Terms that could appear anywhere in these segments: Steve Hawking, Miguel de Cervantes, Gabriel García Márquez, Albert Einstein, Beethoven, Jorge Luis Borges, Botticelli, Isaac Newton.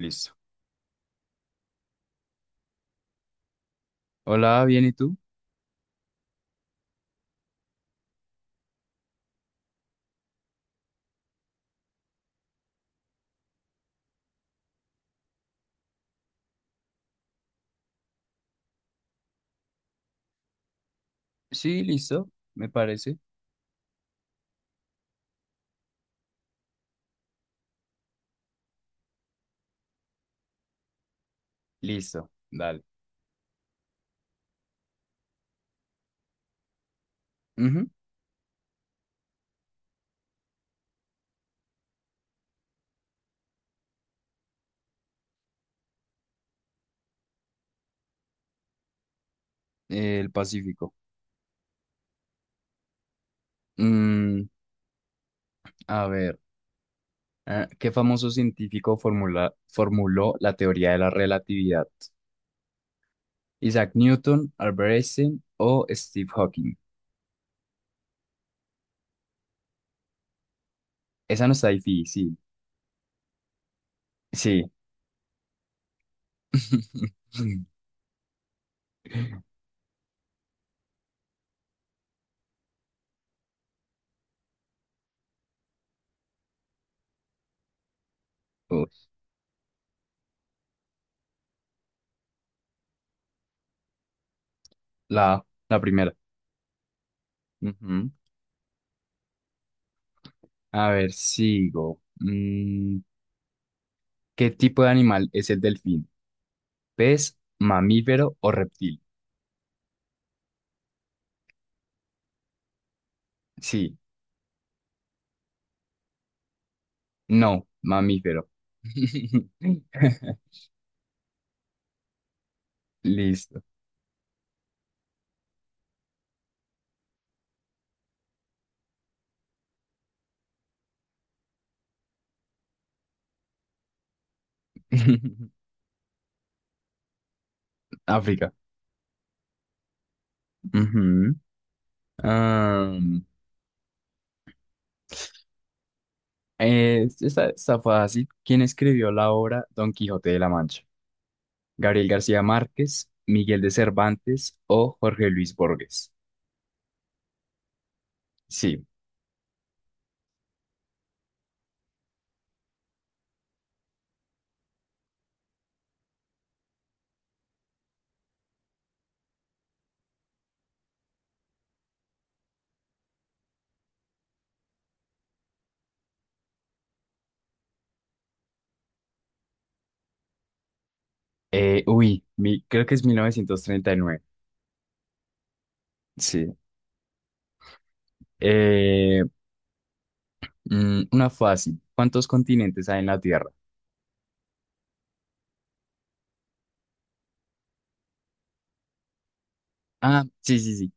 Listo. Hola, ¿bien y tú? Sí, listo, me parece. Listo, dale. Ujú. El Pacífico. Mm, a ver. ¿Qué famoso científico formuló la teoría de la relatividad? ¿Isaac Newton, Albert Einstein o Steve Hawking? Esa no está difícil. Sí. Uy, la primera. Ujú. A ver, sigo. ¿Qué tipo de animal es el delfín? ¿Pez, mamífero o reptil? Sí, no, mamífero. Listo. África. Ujú. Am, esta está fácil. ¿Quién escribió la obra Don Quijote de la Mancha? ¿Gabriel García Márquez, Miguel de Cervantes o Jorge Luis Borges? Sí. Uy, creo que es 1939. Sí. Eh, una fácil. ¿Cuántos continentes hay en la Tierra? Ah, sí, sí, sí.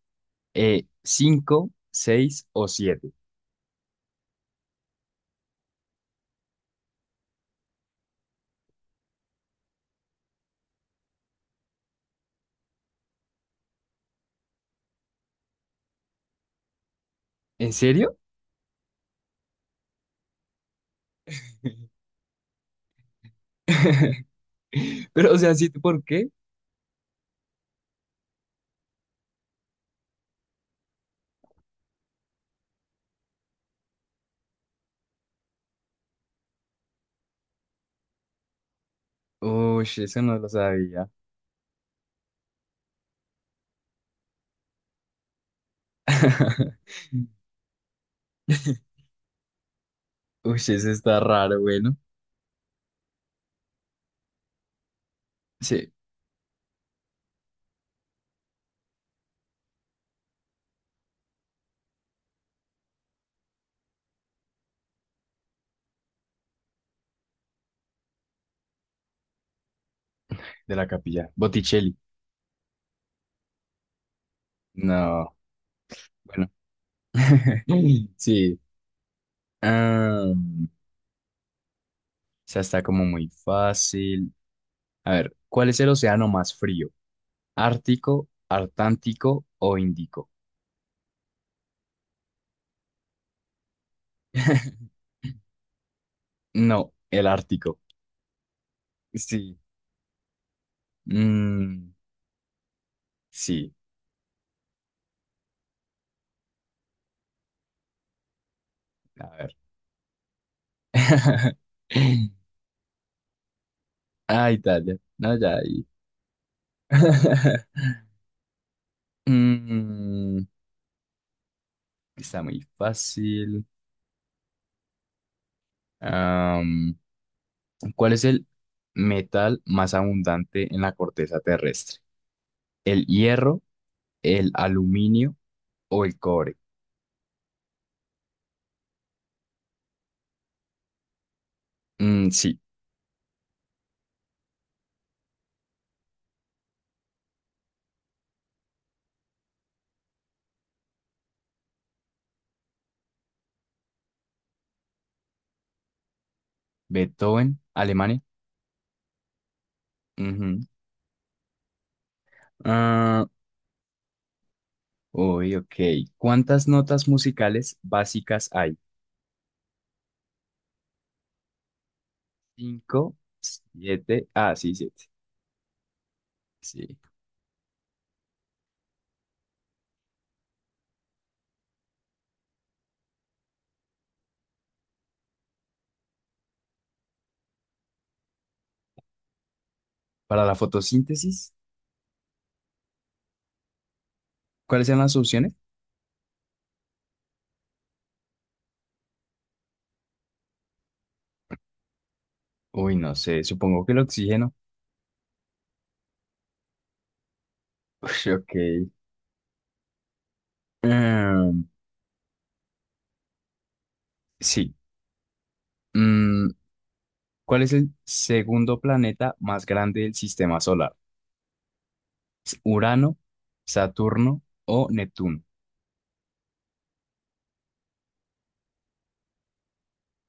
¿Cinco, seis o siete? ¿En serio? Pero, o sea, ¿sí? ¿Por qué? Uy, eso no lo sabía. Uy, eso está raro, bueno. Sí, de la capilla. Botticelli. No, bueno. Sí. Ah, esa está como muy fácil. A ver, ¿cuál es el océano más frío? ¿Ártico, Artántico o Índico? No, el Ártico. Sí. Mm, sí. A ver. Ah, Italia. No, ya ahí. Mm, está muy fácil. Am, ¿Cuál es el metal más abundante en la corteza terrestre? ¿El hierro, el aluminio o el cobre? Mm, sí, Beethoven, Alemania. Ujú. Ah, uy, ok. ¿Cuántas notas musicales básicas hay? Cinco, siete. Ah, sí, siete. Sí. Para la fotosíntesis. ¿Cuáles eran las opciones? Uy, no sé, supongo que el oxígeno. Uy, ok. Em, sí. Mm, ¿Cuál es el segundo planeta más grande del sistema solar? ¿Es ¿Urano, Saturno o Neptuno?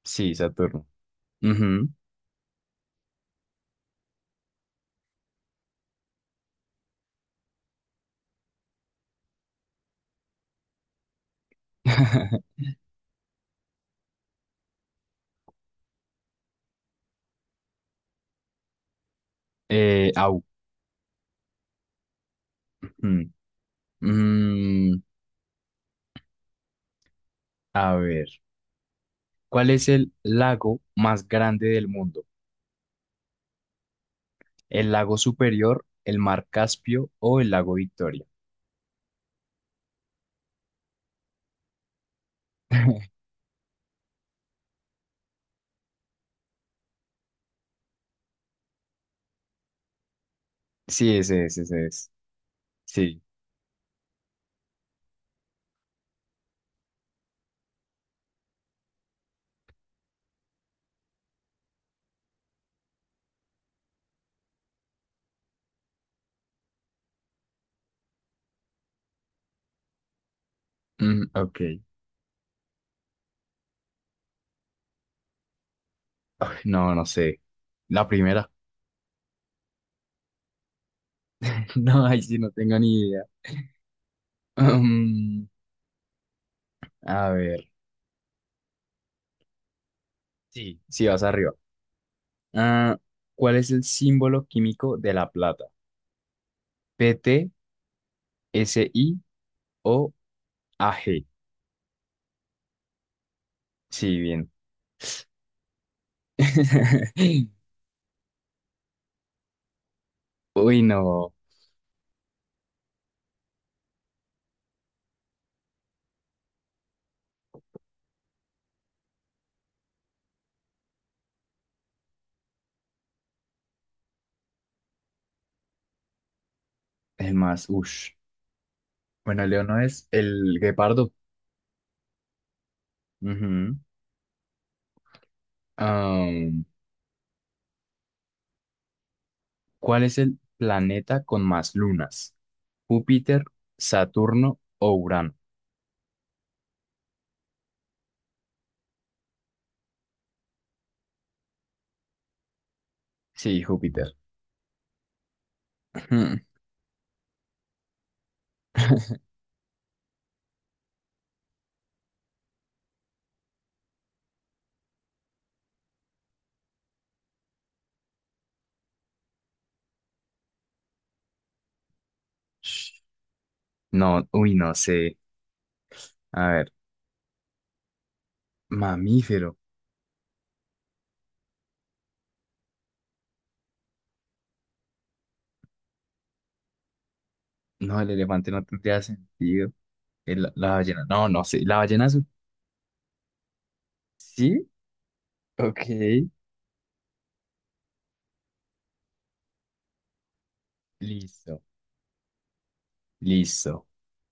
Sí, Saturno. Ujú. Au. Mm. Mm, a ver, ¿cuál es el lago más grande del mundo? ¿El lago Superior, el mar Caspio o el lago Victoria? Sí, ese es, ese es. Sí. Mm, ok. Ay, no, no sé. La primera. No, ahí sí no tengo ni idea. Mm, a ver. Sí, sí, vas arriba. Ah, ¿cuál es el símbolo químico de la plata? PT, SI o AG. Sí, bien. Uy, no. Es más, ush. Bueno, Leo no, es el guepardo. Ujú. Am, ¿Cuál es el planeta con más lunas? ¿Júpiter, Saturno o Urano? Sí, Júpiter. Hmm. No, uy, no sé. A ver, mamífero. No, el elefante no tendría sentido. La ballena. No, no sé. La ballena azul. Sí, ok. Listo, listo.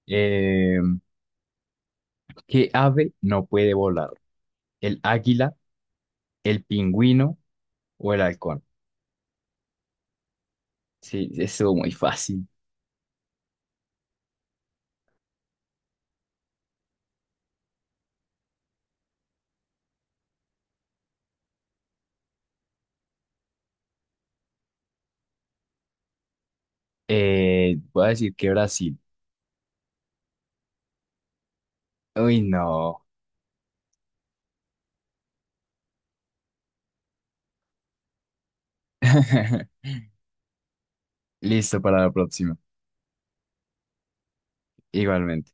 Eh, ¿Qué ave no puede volar? ¿El águila, el pingüino o el halcón? Sí, eso muy fácil. Voy a decir que Brasil. Uy, no. Listo para la próxima. Igualmente.